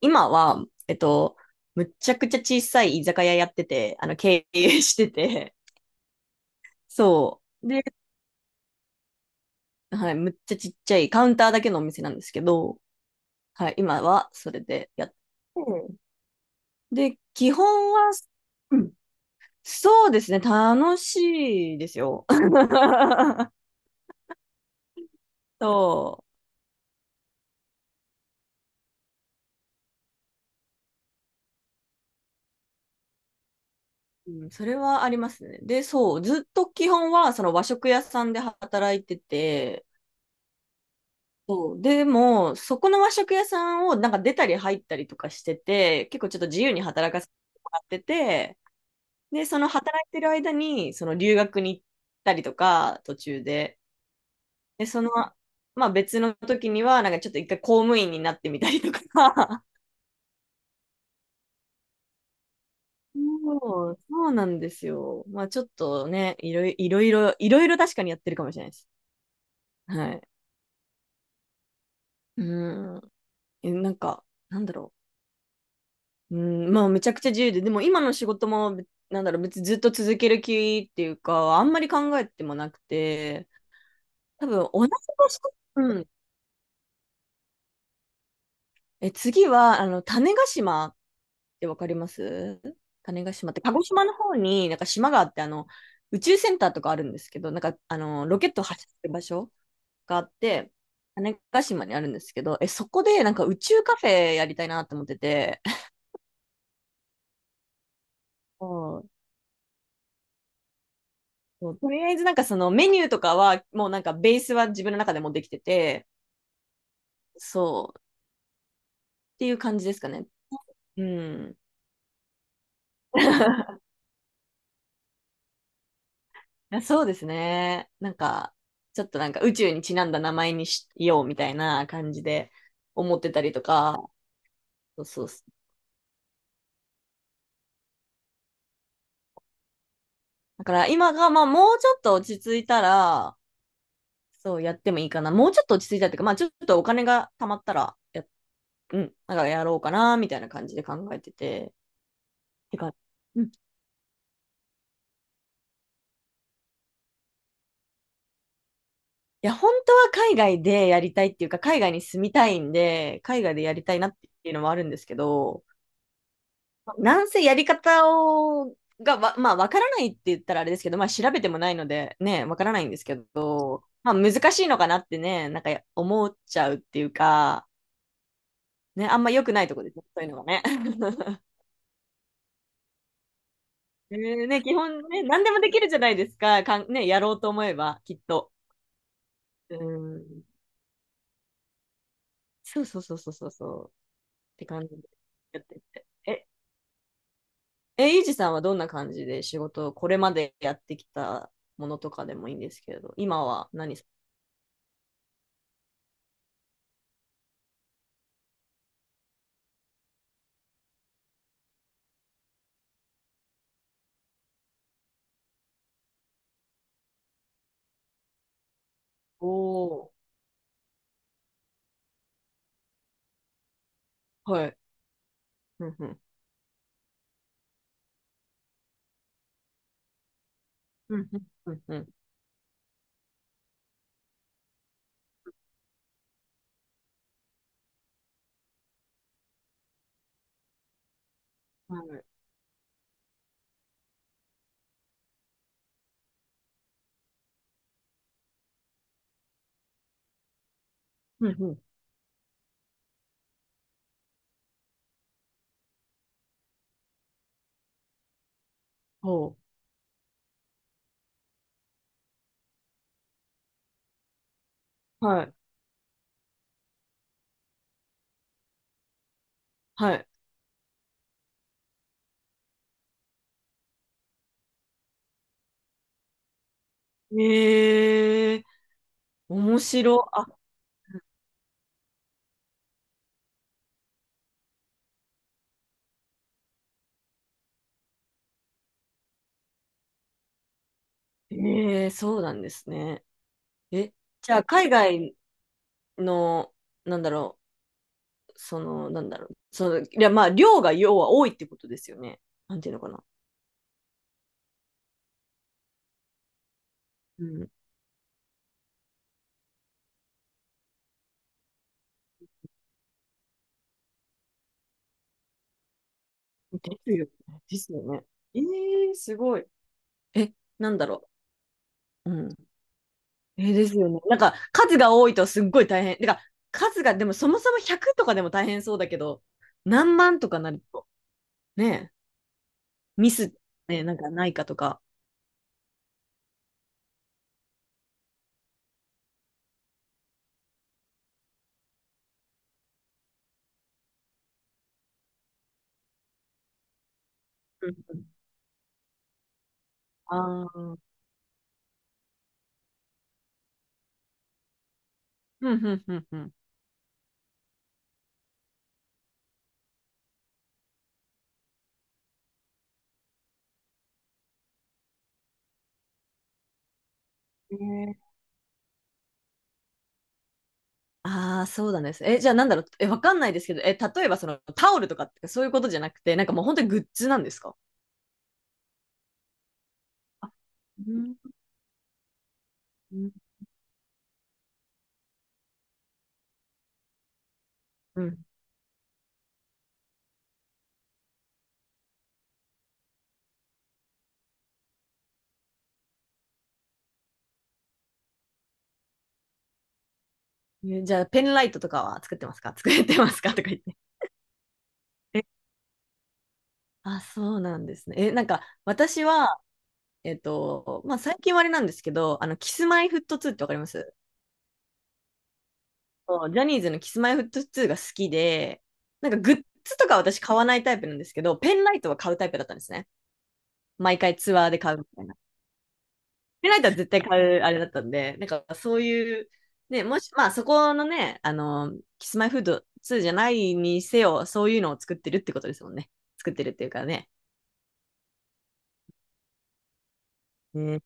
今は、むっちゃくちゃ小さい居酒屋やってて、経営してて、そう。で、はい、むっちゃちっちゃいカウンターだけのお店なんですけど、はい、今はそれでやって、で、基本は、うん、そうですね、楽しいですよ。そう、うん、それはありますね。で、そう、ずっと基本はその和食屋さんで働いてて、そう。でも、そこの和食屋さんをなんか出たり入ったりとかしてて、結構ちょっと自由に働かせてもらってて、で、その働いてる間に、その留学に行ったりとか、途中で。で、まあ別の時には、なんかちょっと一回公務員になってみたりとか。そう、そうなんですよ。まあちょっとね、いろいろ確かにやってるかもしれないです。はい。うん。なんか、なんだろう。うん、まあめちゃくちゃ自由で、でも今の仕事も、べなんだろう、別にずっと続ける気っていうか、あんまり考えてもなくて、多分同じ場所、うん。次は、種子島ってわかります？種子島って、鹿児島の方になんか島があって、宇宙センターとかあるんですけど、なんか、ロケット発射する場所があって、種子島にあるんですけど、そこでなんか宇宙カフェやりたいなと思ってて、そう、そう、とりあえずなんかそのメニューとかは、もうなんかベースは自分の中でもできてて、そう、っていう感じですかね。うん。そうですね。なんか、ちょっとなんか宇宙にちなんだ名前にしようみたいな感じで思ってたりとか、そう、そう、そう。だから今がまあもうちょっと落ち着いたら、そうやってもいいかな。もうちょっと落ち着いたっていうか、まあちょっとお金が貯まったらうん、なんかやろうかな、みたいな感じで考えてて、って感じ。うん、いや、本当は海外でやりたいっていうか、海外に住みたいんで、海外でやりたいなっていうのもあるんですけど、なんせやり方を、まあ、わからないって言ったらあれですけど、まあ、調べてもないので、ね、わからないんですけど、まあ、難しいのかなってね、なんか思っちゃうっていうか、ね、あんま良くないとこですね、そういうのがね。ね、基本ね、何でもできるじゃないですか、ね、やろうと思えば、きっと。うん。そうそうそうそうそうそう。って感じでやってて。ゆうじさんはどんな感じで仕事をこれまでやってきたものとかでもいいんですけれど、今は何さ、おー、はい。うんうん。うんうん。うんうん。はい。うんうん。ほう。はい。はい。面白。あ、えそうなんですね。え、じゃあ、海外の、なんだろう、なんだろう、いや、まあ、量が要は多いってことですよね。なんていうのかな。うん。ですよね。ですよね。えすごい。え、なんだろう。うん。ですよね。なんか、数が多いとすっごい大変。てか、数が、でもそもそも100とかでも大変そうだけど、何万とかなると、ねえ、ミス、ね、なんかないかとか。うんうん、ああ、うんうんうんうん。ね、ああ、そうなんです。じゃあなんだろう、わかんないですけど、例えばそのタオルとかってそういうことじゃなくて、なんかもう本当にグッズなんですか？あ、うん、うん、うん。じゃあペンライトとかは作ってますか作ってますかとか言って。あ、そうなんですね。なんか、私は、まあ、最近はあれなんですけど、キスマイフット2ってわかります？そう、ジャニーズのキスマイフット2が好きで、なんかグッズとか私買わないタイプなんですけど、ペンライトは買うタイプだったんですね。毎回ツアーで買うみたいな。ペンライトは絶対買うあれだったんで、なんかそういう、ね、もし、まあ、そこのね、キスマイフット2じゃないにせよ、そういうのを作ってるってことですもんね。作ってるっていうかね。ね、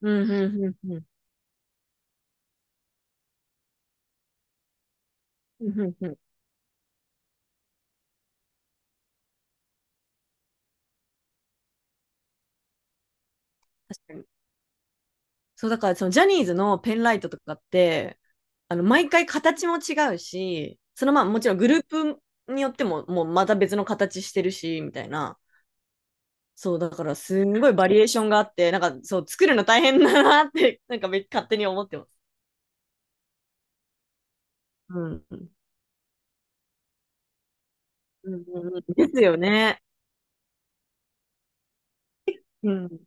うん、うん、うん、うん。うんうんうん、確かに、そう、だからそのジャニーズのペンライトとかって、毎回形も違うし、そのまあもちろんグループによってももうまた別の形してるし、みたいな。そう、だからすんごいバリエーションがあって、なんかそう、作るの大変だなって、なんか勝手に思ってます。うん。うんうんうん、ですよね。うん。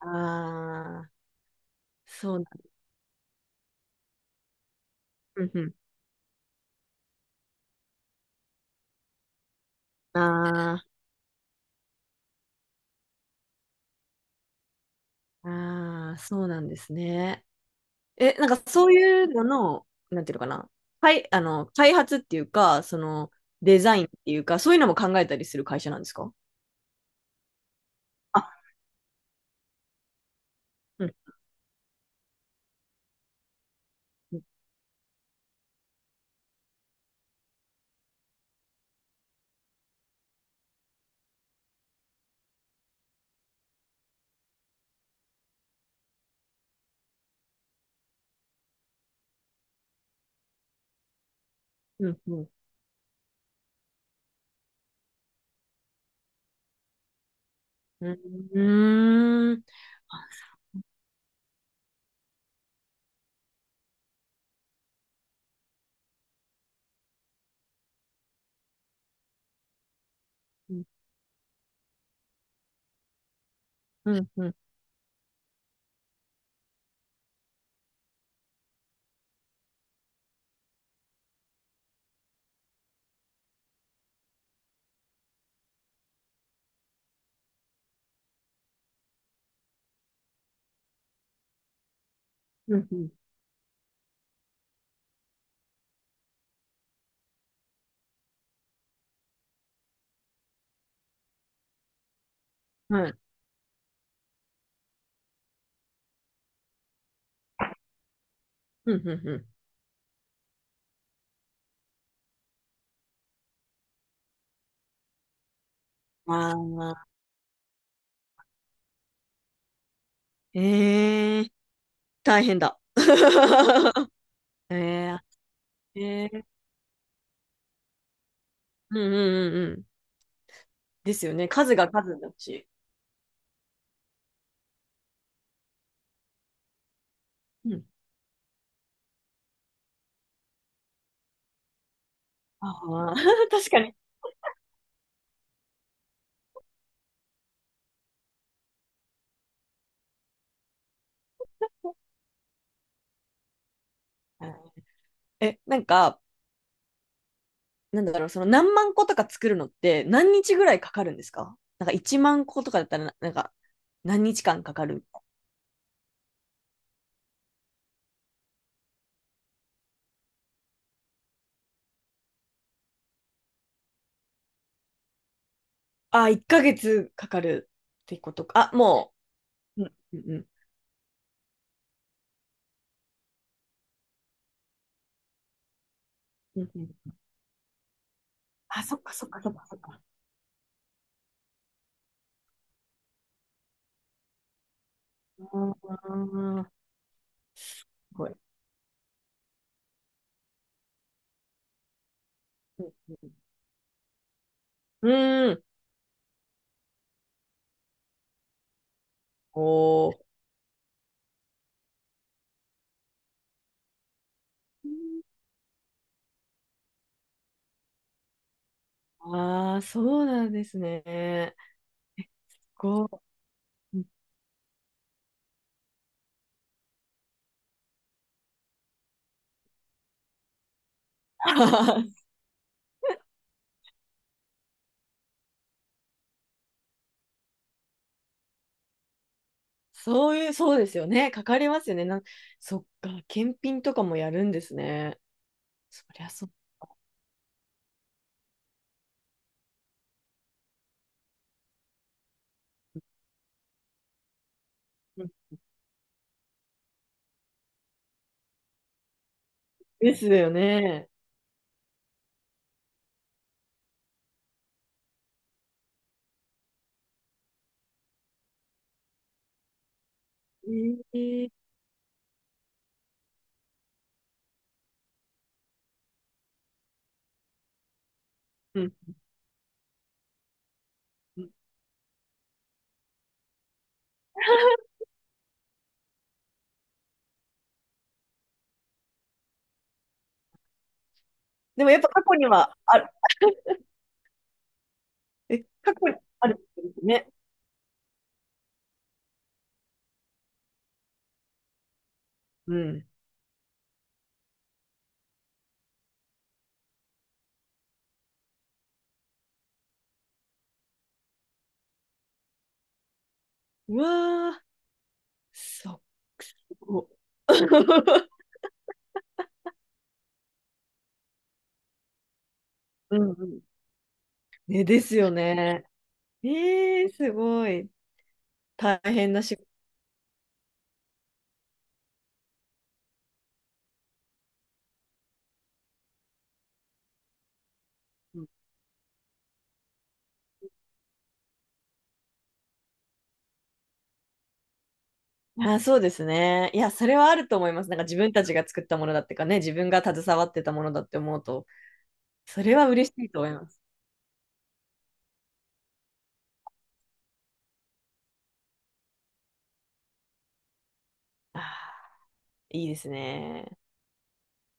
ああ、そうなん、うんうん。ああ、ああ、そうなんですね。なんかそういうのの、なんていうのかな。はい、開発っていうか、デザインっていうか、そういうのも考えたりする会社なんですか？あ、うん。うんうん、うん、うん、うーん、うん、うん、うん、うん、うん、はい、うん、うん、うん。ああ、ええ、大変だ。ええ、ええ、うんうんうんうん。ですよね。数が数だし。うん。ああ、確かに。うん、なんか、なんだろう、その何万個とか作るのって何日ぐらいかかるんですか？なんか1万個とかだったらな、なんか何日間かかる、ああ、1ヶ月かかるってことか。あ、もう。うんうんうんうんうん。あ、そっかそっかそっかそっか。うーん。すごい。うんうん。うーん。おー。ああ、そうなんですね。こう、そういう、そうですよね。かかりますよね。な、そっか、検品とかもやるんですね。そりゃそう。うん、ですよね。えーうんうん でもやっぱ過去にはある。過去にあるんですね。うん。うわー、そっか、すごっ。 うんうん。ね、ですよね。すごい。大変な仕事。あ、そうですね。いや、それはあると思います。なんか自分たちが作ったものだってかね、自分が携わってたものだって思うと、それは嬉しいと思います。あー、いいですね。